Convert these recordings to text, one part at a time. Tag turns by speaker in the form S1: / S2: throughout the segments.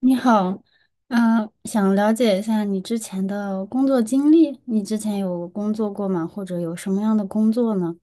S1: 你好。想了解一下你之前的工作经历。你之前有工作过吗？或者有什么样的工作呢？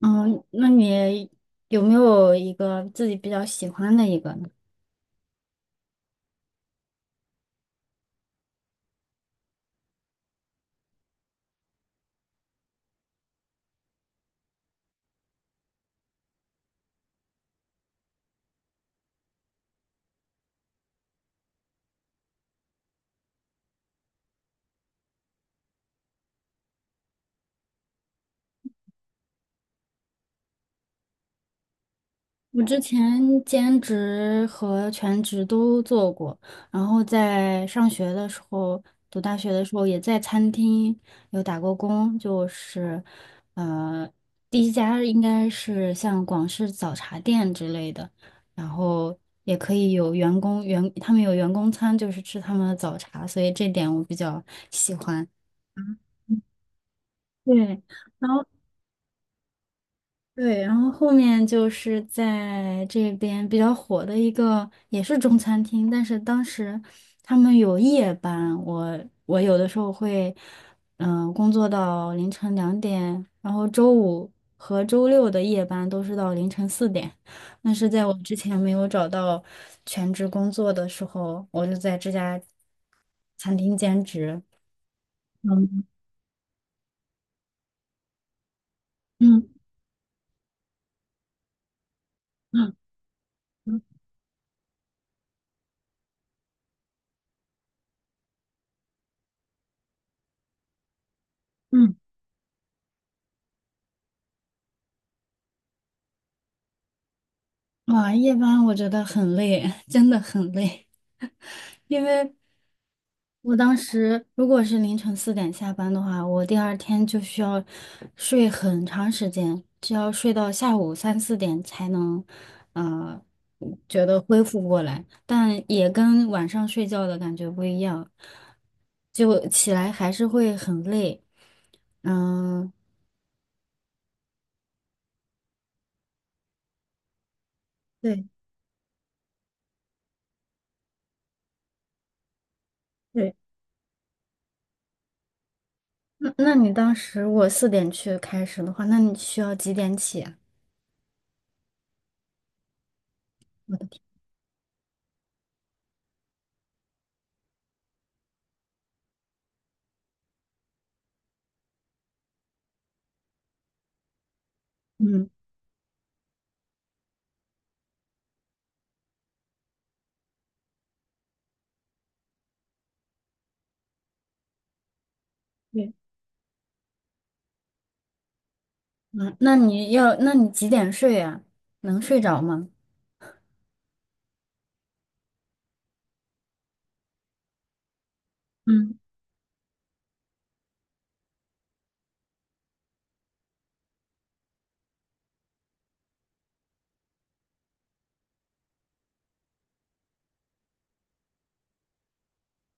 S1: 嗯，那你有没有一个自己比较喜欢的一个呢？我之前兼职和全职都做过，然后在上学的时候，读大学的时候也在餐厅有打过工，就是，呃，第一家应该是像广式早茶店之类的，然后也可以有员工员，他们有员工餐，就是吃他们的早茶，所以这点我比较喜欢。对。然后。对，然后后面就是在这边比较火的一个，也是中餐厅，但是当时他们有夜班，我有的时候会，工作到凌晨两点，然后周五和周六的夜班都是到凌晨四点。那是在我之前没有找到全职工作的时候，我就在这家餐厅兼职。嗯。嗯。嗯。哇，夜班我觉得很累，真的很累。因为我当时如果是凌晨四点下班的话，我第二天就需要睡很长时间，就要睡到下午三四点才能，呃，觉得恢复过来，但也跟晚上睡觉的感觉不一样，就起来还是会很累。嗯，对。对。那那你当时我四点去开始的话，那你需要几点起啊？我的天。嗯。对。嗯，那你要，那你几点睡呀？能睡着吗？嗯。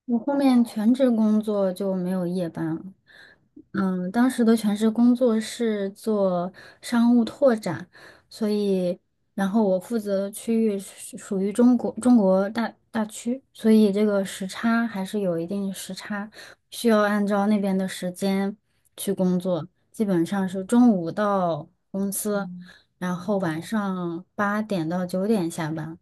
S1: 我后面全职工作就没有夜班了。嗯，当时的全职工作是做商务拓展，所以，然后我负责的区域是属于中国大区，所以这个时差还是有一定时差，需要按照那边的时间去工作。基本上是中午到公司，然后晚上八点到九点下班。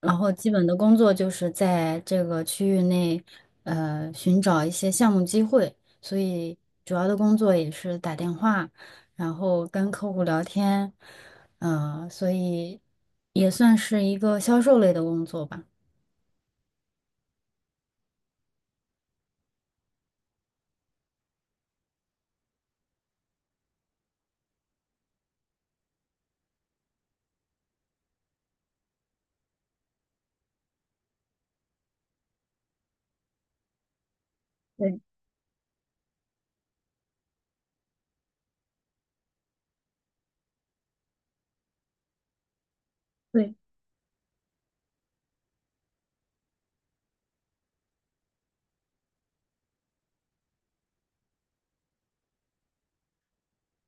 S1: 然后基本的工作就是在这个区域内，寻找一些项目机会，所以主要的工作也是打电话，然后跟客户聊天。嗯，所以也算是一个销售类的工作吧。对。对。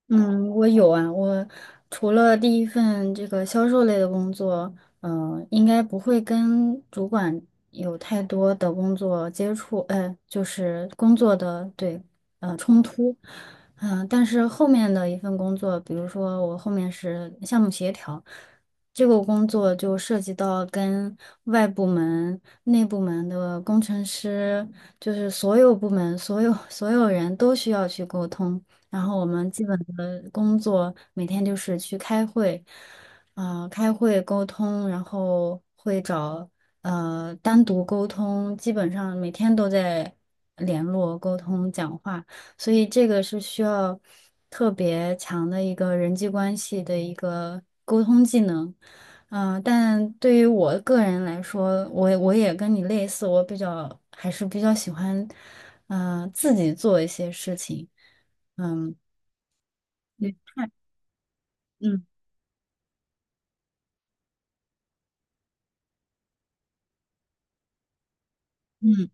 S1: 嗯，我有啊。我除了第一份这个销售类的工作，应该不会跟主管有太多的工作接触，就是工作的对，冲突。但是后面的一份工作，比如说我后面是项目协调，这个工作就涉及到跟外部门、内部门的工程师，就是所有部门、所有 所有人都需要去沟通。然后我们基本的工作每天就是去开会，开会沟通，然后会找单独沟通，基本上每天都在联络、沟通、讲话，所以这个是需要特别强的一个人际关系的一个沟通技能。但对于我个人来说，我也跟你类似，我比较还是比较喜欢，自己做一些事情。嗯，对，看。嗯。嗯。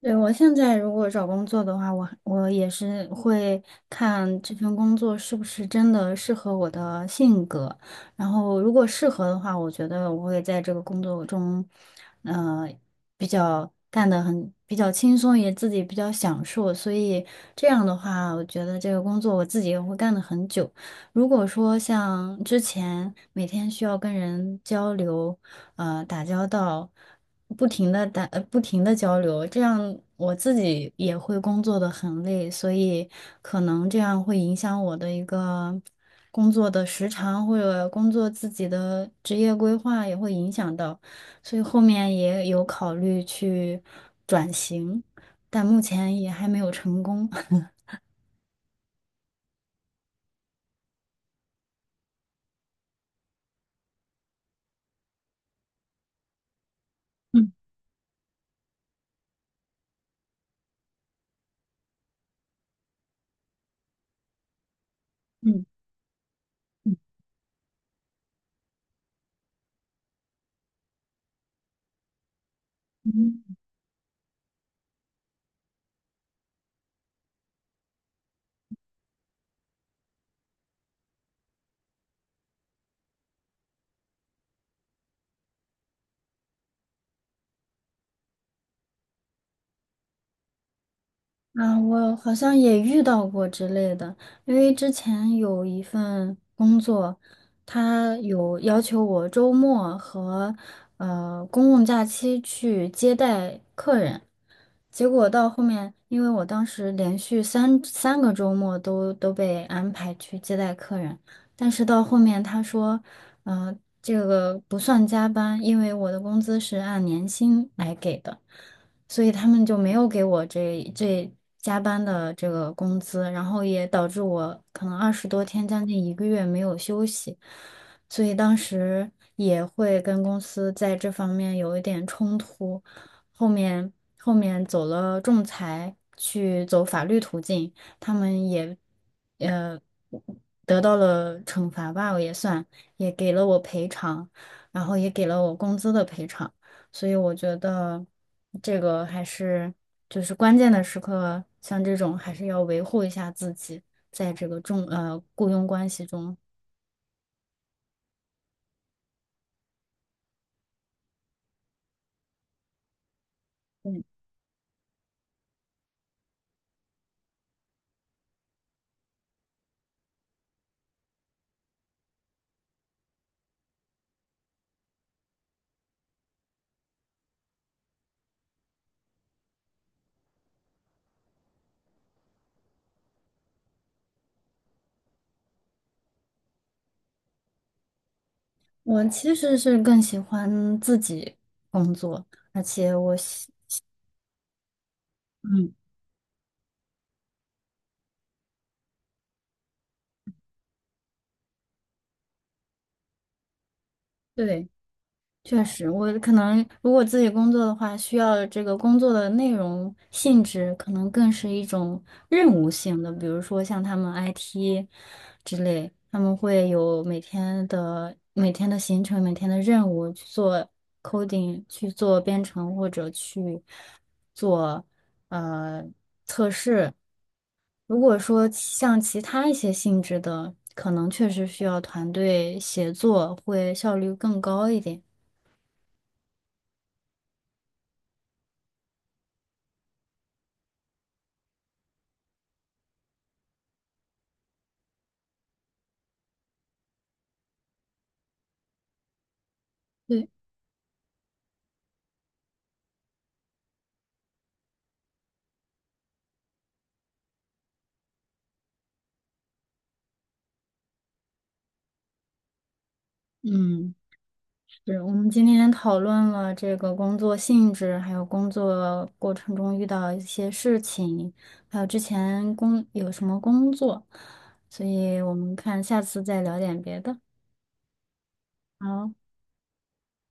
S1: 对，我现在如果找工作的话，我也是会看这份工作是不是真的适合我的性格，然后如果适合的话，我觉得我会在这个工作中，呃，比较干得很比较轻松，也自己比较享受，所以这样的话，我觉得这个工作我自己也会干得很久。如果说像之前每天需要跟人交流，打交道，不停的打，不停的交流，这样我自己也会工作的很累，所以可能这样会影响我的一个工作的时长，或者工作自己的职业规划也会影响到，所以后面也有考虑去转型，但目前也还没有成功。嗯。嗯。嗯。嗯。啊，我好像也遇到过之类的，因为之前有一份工作，他有要求我周末和公共假期去接待客人，结果到后面，因为我当时连续三个周末都被安排去接待客人，但是到后面他说，嗯，这个不算加班，因为我的工资是按年薪来给的。所以他们就没有给我这加班的这个工资，然后也导致我可能二十多天，将近一个月没有休息，所以当时也会跟公司在这方面有一点冲突，后面后面走了仲裁，去走法律途径，他们也呃得到了惩罚吧，我也算，也给了我赔偿，然后也给了我工资的赔偿。所以我觉得这个还是就是关键的时刻，像这种还是要维护一下自己在这个雇佣关系中。我其实是更喜欢自己工作，而且我喜嗯，对。确实，我可能如果自己工作的话，需要这个工作的内容性质可能更是一种任务性的，比如说像他们 IT 之类，他们会有每天的行程、每天的任务去做 coding、去做编程或者去做呃测试。如果说像其他一些性质的，可能确实需要团队协作，会效率更高一点。对。嗯，是我们今天讨论了这个工作性质，还有工作过程中遇到一些事情，还有之前工有什么工作，所以我们看下次再聊点别的。好。